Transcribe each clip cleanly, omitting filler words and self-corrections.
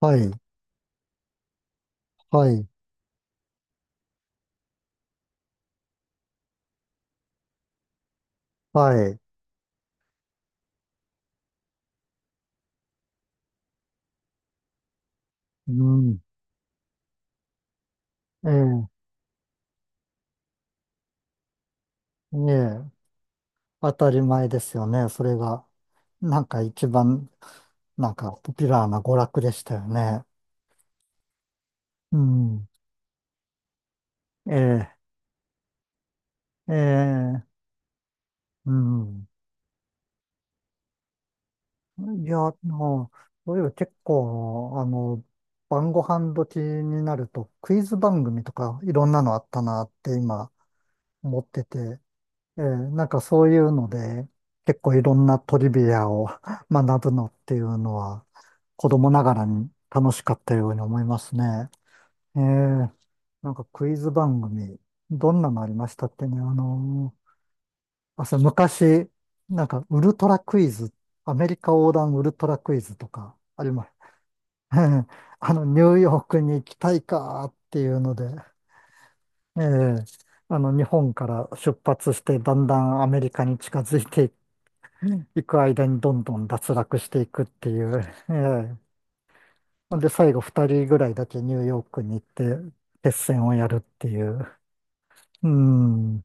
はい、はい、はい。うん、ええ、ええ、当たり前ですよね。それが、なんか一番、なんかポピュラーな娯楽でしたよね。うん、ええ、ええ、うん。いや、もう、そういえば結構、晩ご飯時になると、クイズ番組とかいろんなのあったなって今思ってて、ええ、なんかそういうので、結構いろんなトリビアを 学ぶのっていうのは、子供ながらに楽しかったように思いますね。ええ、なんかクイズ番組、どんなのありましたってね、あ、そう、昔、なんかウルトラクイズ、アメリカ横断ウルトラクイズとかあります。ニューヨークに行きたいかっていうので、ええ、日本から出発して、だんだんアメリカに近づいていく行く間にどんどん脱落していくっていう。ええ。ほんで、最後2人ぐらいだけニューヨークに行って、決戦をやるっていう。うん。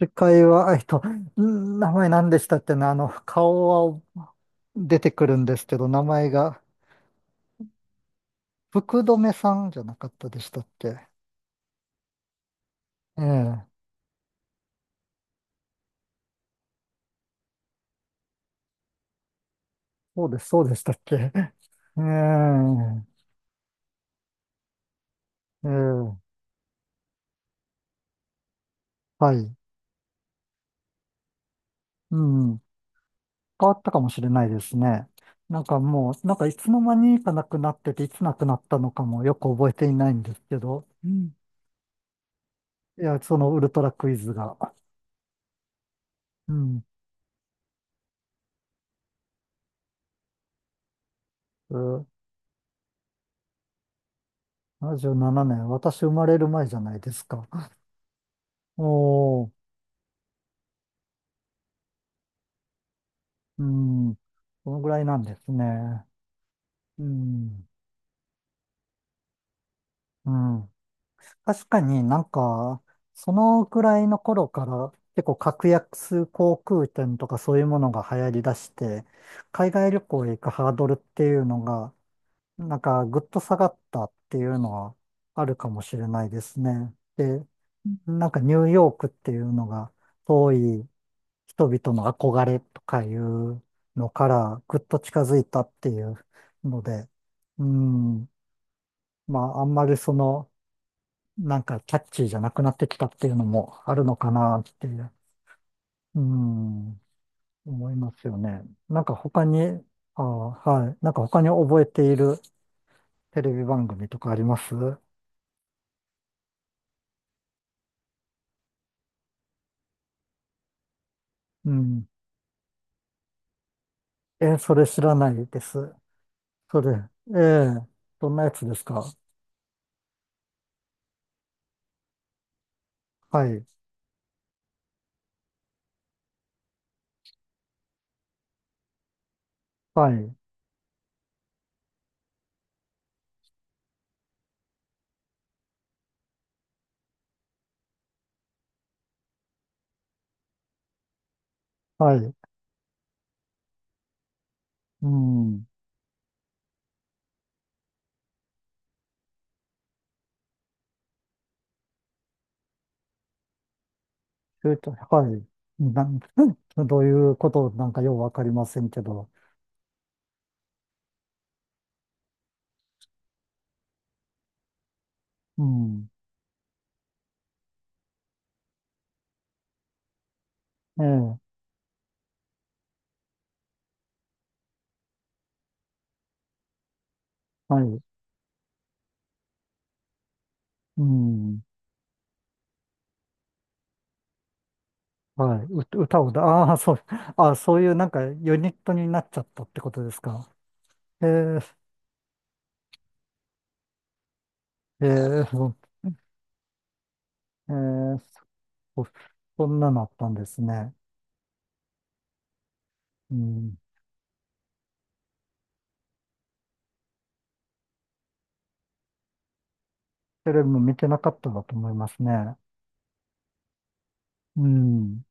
次回は、名前何でしたっけね、顔は出てくるんですけど、名前が、福留さんじゃなかったでしたっけ？ええ。そうです、そうでしたっけ？ ええ。ええ。はい。うん。変わったかもしれないですね。なんかもう、なんかいつの間にかなくなってて、いつなくなったのかもよく覚えていないんですけど、うん。いや、そのウルトラクイズが。うん。うん、77年、私生まれる前じゃないですか？おー、うん。このぐらいなんですね。うん。うん。確かになんか、そのくらいの頃から結構格安航空券とかそういうものが流行り出して、海外旅行へ行くハードルっていうのが、なんかぐっと下がったっていうのはあるかもしれないですね。で、なんかニューヨークっていうのが遠い人々の憧れとかいうのからぐっと近づいたっていうので、うん、まああんまりその、なんかキャッチーじゃなくなってきたっていうのもあるのかなって、うん、思いますよね。なんか他に、あー、はい。なんか他に覚えているテレビ番組とかあります？うん。え、それ知らないです。それ、ええ、どんなやつですか？はい、はい、はい。うん。ちょいとはい。どういうことなんかようわかりませんけど。うん。ええ、はい。うん。はい。う、歌をだ、ああ、そう、ああ、そういうなんかユニットになっちゃったってことですか？ええ、ええ、そうえーそ、そんなのあったんですね。うん。テレビも見てなかったんだと思いますね。うん、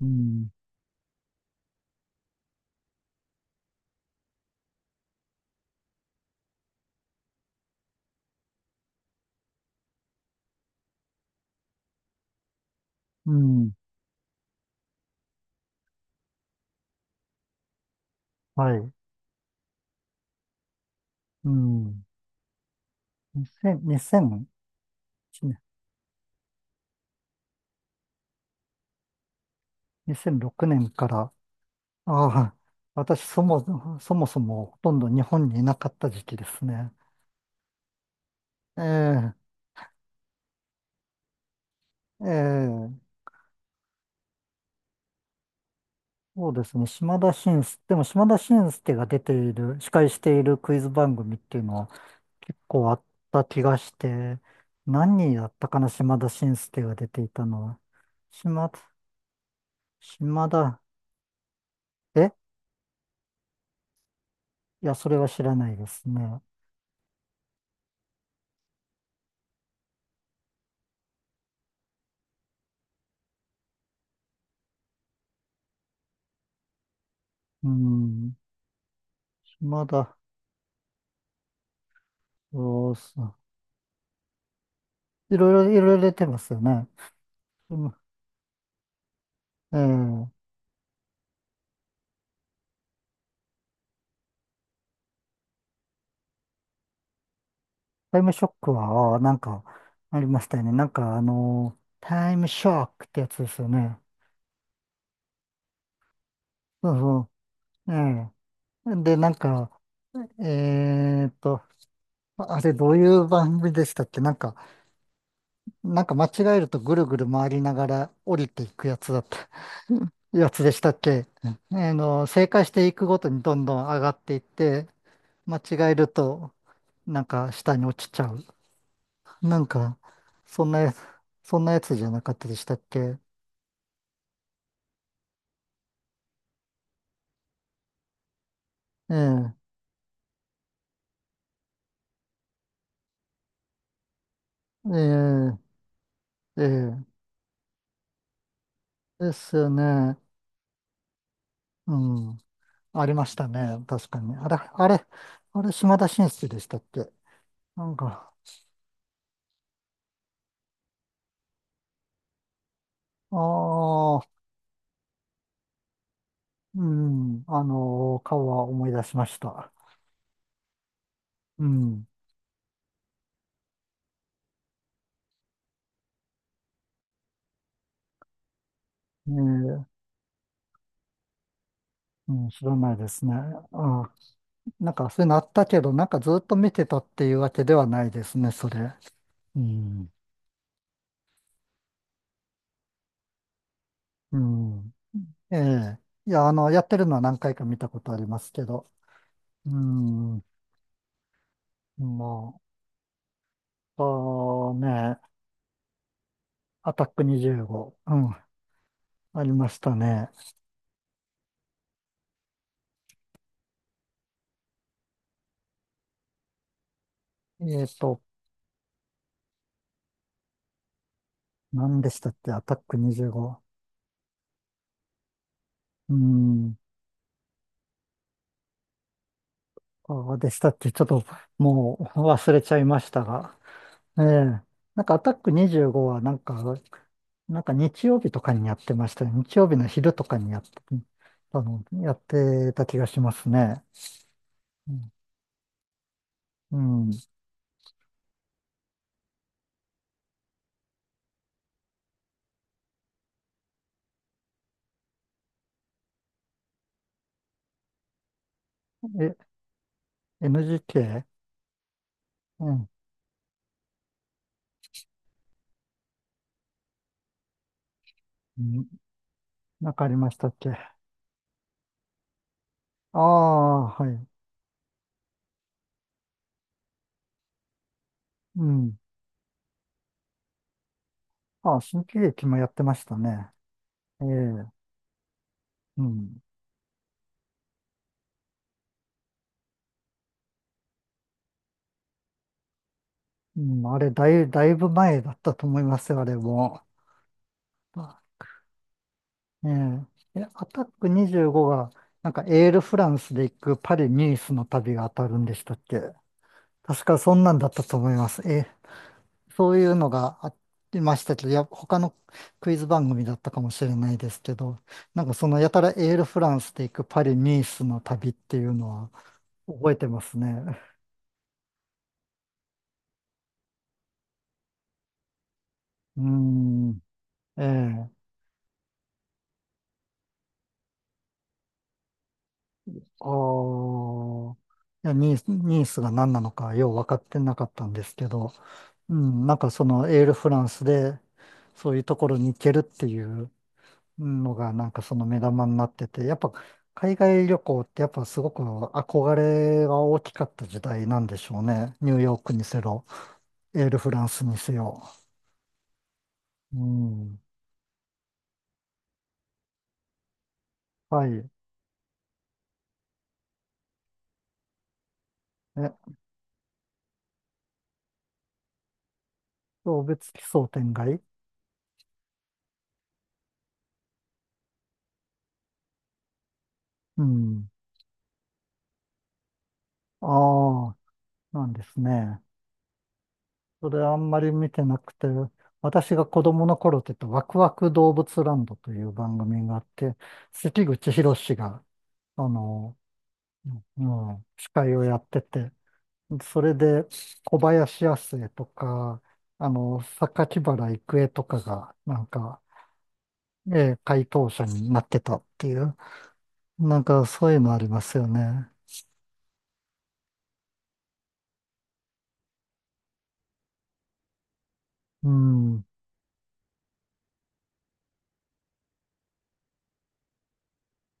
うん、うん、はい。うん。2000、2 0 0年、6年から、ああ、私、そもそもほとんど日本にいなかった時期ですね。ええ、ええ、そうですね。島田紳助。でも島田紳助が出ている、司会しているクイズ番組っていうのは結構あった気がして、何やったかな、島田紳助が出ていたのは。島、島田、えいや、それは知らないですね。うん、島田、そうそう。いろいろ、いろいろ出てますよね。うん、ええ。タイムショックは、ああなんか、ありましたよね。なんか、タイムショックってやつですよね。そうそう。ええ。で、なんか、えーっと、あれどういう番組でしたっけ？なんか、なんか間違えるとぐるぐる回りながら降りていくやつだった、やつでしたっけ？うん。正解していくごとにどんどん上がっていって、間違えると、なんか下に落ちちゃう。なんか、そんなやつ、そんなやつじゃなかったでしたっけ？ええ、ええ、ええ、ですよね。うん、ありましたね。確かに。あれ、あれ、あれ、島田紳助でしたっけ？なんか、ああ、うん、顔は思い出しました。うん。えー、うん、知らないですね。あー、なんかそういうのあったけど、なんかずっと見てたっていうわけではないですね、それ。うん。うん。ええ。いや、やってるのは何回か見たことありますけど。うん。まあ、あね、アタック25。うん、ありましたね。えっと、何でしたっけ、アタック25。うん。ああ、でしたっけ？ちょっともう忘れちゃいましたが。ええ。なんかアタック25はなんか、日曜日とかにやってましたよ。日曜日の昼とかにやって、やってた気がしますね。うん。うん、え、NGK? うん。うん、なんかありましたっけ？ああ、はい。うん。ああ、新喜劇もやってましたね。ええ。うん。うん、あれ、だいぶ前だったと思いますよ、あれも。ええ、アタック25が、なんかエールフランスで行くパリ・ニースの旅が当たるんでしたっけ？確かそんなんだったと思います。ええ、そういうのがありましたけど、いや、他のクイズ番組だったかもしれないですけど、なんかそのやたらエールフランスで行くパリ・ニースの旅っていうのは覚えてますね。うーん、ええ、ああ、いや、ニースが何なのかよう分かってなかったんですけど、うん、なんかそのエールフランスでそういうところに行けるっていうのがなんかその目玉になってて、やっぱ海外旅行ってやっぱすごく憧れが大きかった時代なんでしょうね。ニューヨークにせろ、エールフランスにせよ。うん。はい。え、送別奇想天外？うん。ああ、なんですね。それあんまり見てなくて、私が子供の頃って言ったワクワク動物ランドという番組があって、関口宏が、あの、うん、司会をやってて、それで小林亜星とか、榊原郁恵とかが、なんか、回答者になってたっていう、なんかそういうのありますよね。うん。